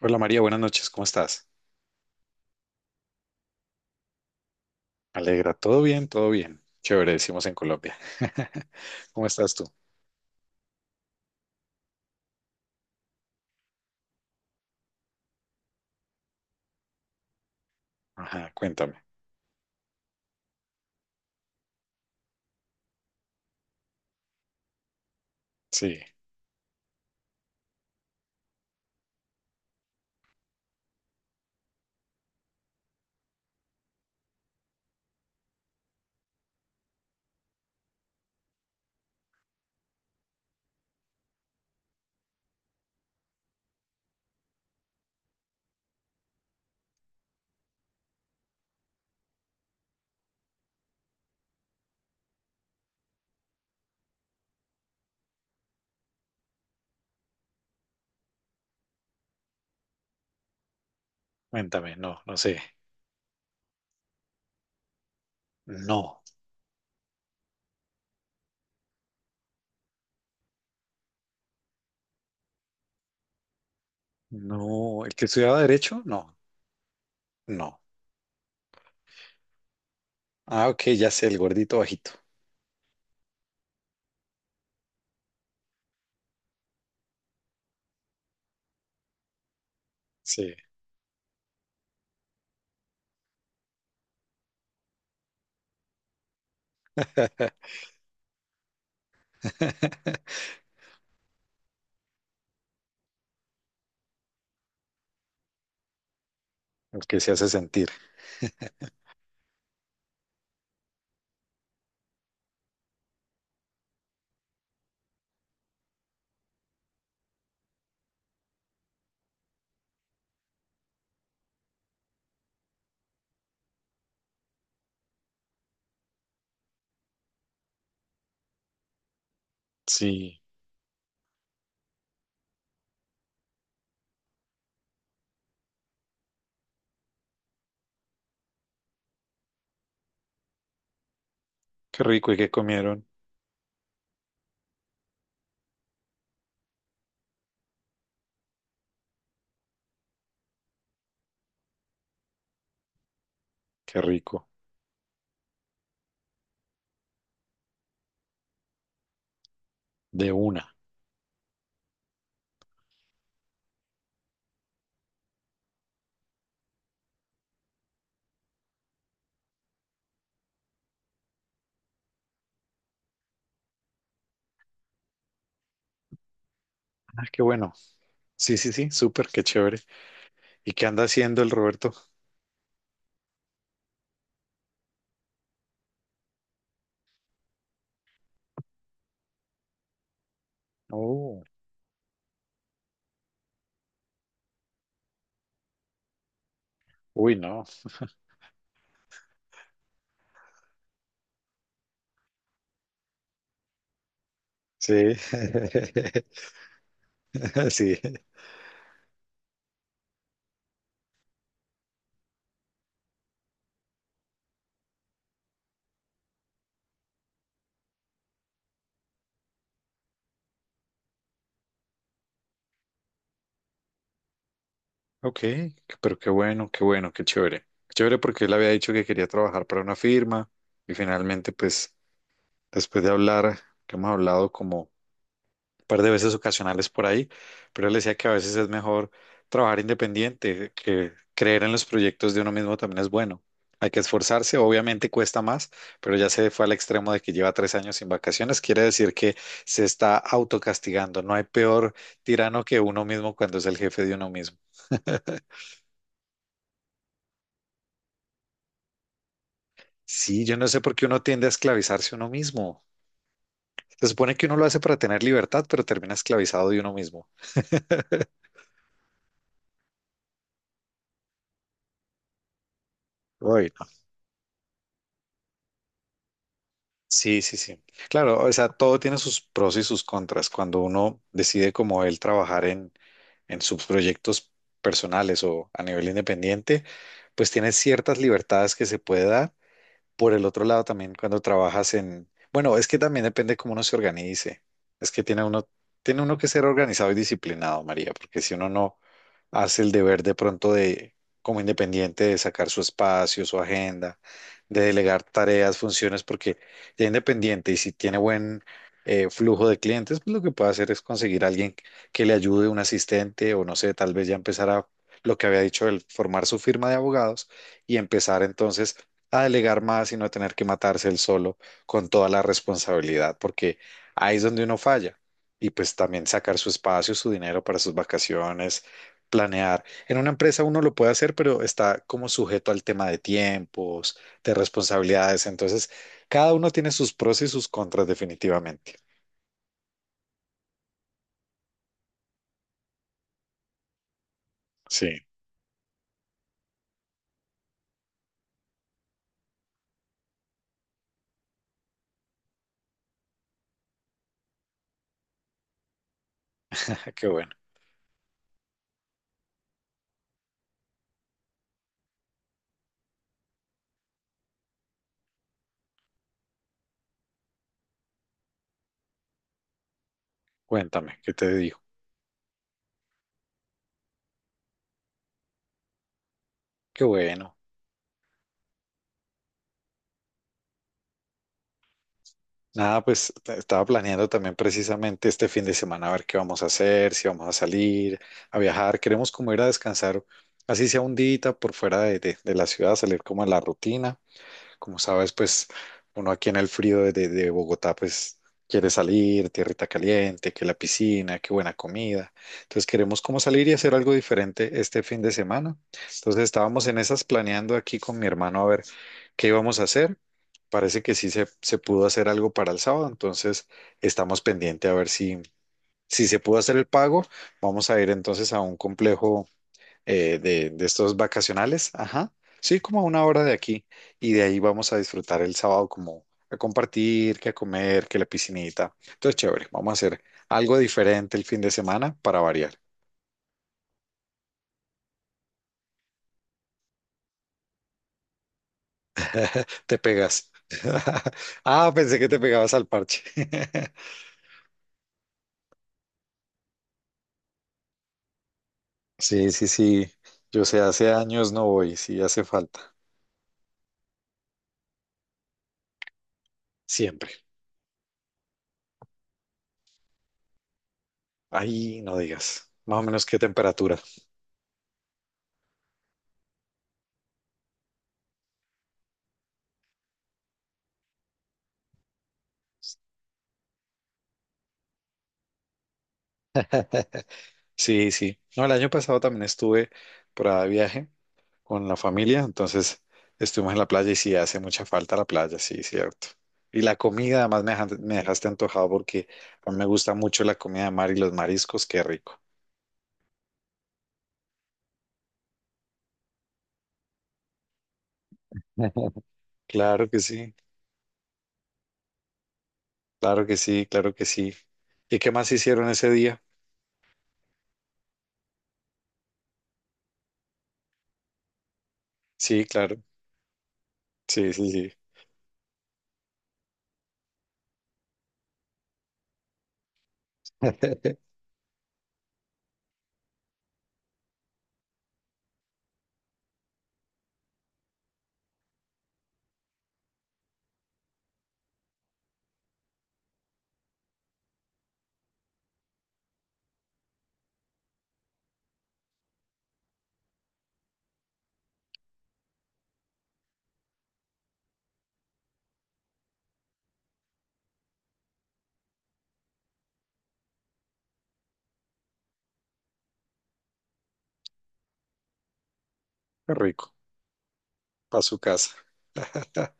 Hola María, buenas noches, ¿cómo estás? Me alegra, todo bien, todo bien. Chévere, decimos en Colombia. ¿Cómo estás tú? Ajá, cuéntame. Sí, cuéntame, no, no sé. No, no, el que estudiaba derecho, no, no. Ah, ok, ya sé, el gordito bajito. Sí. El que se hace sentir. Sí, qué rico, ¿y qué comieron? Qué rico. De una. Ah, qué bueno. Sí, sí, sí, súper, qué chévere. ¿Y qué anda haciendo el Roberto? Oh, uy, no. Sí, sí. Ok, pero qué bueno, qué bueno, qué chévere. Qué chévere, porque él había dicho que quería trabajar para una firma y, finalmente, pues, después de hablar, que hemos hablado como par de veces ocasionales por ahí, pero él decía que a veces es mejor trabajar independiente, que creer en los proyectos de uno mismo también es bueno. Hay que esforzarse, obviamente cuesta más, pero ya se fue al extremo de que lleva 3 años sin vacaciones, quiere decir que se está autocastigando. No hay peor tirano que uno mismo cuando es el jefe de uno mismo. Sí, yo no sé por qué uno tiende a esclavizarse uno mismo. Se supone que uno lo hace para tener libertad, pero termina esclavizado de uno mismo. Uy, sí, sí, sí. Claro, o sea, todo tiene sus pros y sus contras. Cuando uno decide como él trabajar en sus proyectos personales o a nivel independiente, pues tiene ciertas libertades que se puede dar. Por el otro lado, también cuando trabajas en, bueno, es que también depende cómo uno se organice. Es que tiene uno que ser organizado y disciplinado, María, porque si uno no hace el deber de pronto de, como independiente, de sacar su espacio, su agenda, de delegar tareas, funciones, porque ya independiente y si tiene buen flujo de clientes, pues lo que puede hacer es conseguir a alguien que le ayude, un asistente, o no sé, tal vez ya empezar a lo que había dicho, el formar su firma de abogados y empezar entonces a delegar más y no tener que matarse él solo con toda la responsabilidad, porque ahí es donde uno falla. Y pues también sacar su espacio, su dinero para sus vacaciones, planear. En una empresa uno lo puede hacer, pero está como sujeto al tema de tiempos, de responsabilidades. Entonces, cada uno tiene sus pros y sus contras, definitivamente. Sí, qué bueno. Cuéntame, ¿qué te digo? Qué bueno. Nada, pues estaba planeando también precisamente este fin de semana a ver qué vamos a hacer, si vamos a salir, a viajar. Queremos como ir a descansar, así sea un día por fuera de, de la ciudad, salir como a la rutina. Como sabes, pues uno aquí en el frío de, de Bogotá, pues quiere salir, tierrita caliente, que la piscina, que buena comida. Entonces queremos como salir y hacer algo diferente este fin de semana. Entonces estábamos en esas, planeando aquí con mi hermano a ver qué íbamos a hacer. Parece que sí se pudo hacer algo para el sábado, entonces estamos pendiente a ver si, si se pudo hacer el pago. Vamos a ir entonces a un complejo de, estos vacacionales, ajá, sí, como a una hora de aquí, y de ahí vamos a disfrutar el sábado como a compartir, que a comer, que la piscinita. Entonces, chévere, vamos a hacer algo diferente el fin de semana para variar. Te pegas. Ah, pensé que te pegabas al parche. Sí, sí, sí, yo sé, hace años no voy, sí hace falta, siempre. Ahí no digas, más o menos qué temperatura. Sí, sí. No, el año pasado también estuve por ahí de viaje con la familia, entonces estuvimos en la playa y sí hace mucha falta la playa, sí, cierto. Y la comida, además me dejaste antojado, porque a mí me gusta mucho la comida de mar y los mariscos, qué rico. Claro que sí, claro que sí, claro que sí. ¿Y qué más hicieron ese día? Sí, claro, sí, sí, sí, qué rico, para su casa.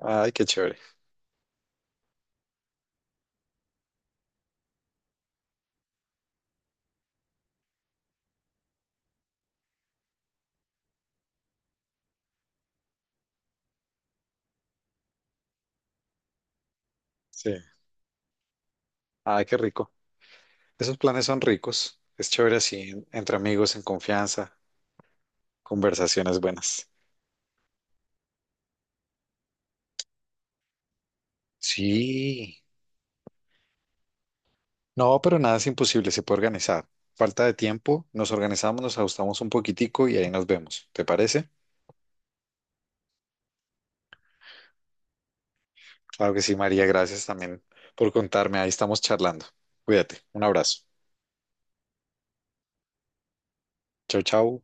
Ay, qué chévere, sí, ay, qué rico. Esos planes son ricos, es chévere así, entre amigos, en confianza. Conversaciones buenas. Sí. No, pero nada es imposible, se puede organizar. Falta de tiempo, nos organizamos, nos ajustamos un poquitico y ahí nos vemos. ¿Te parece? Claro que sí, María, gracias también por contarme. Ahí estamos charlando. Cuídate. Un abrazo. Chau, chau.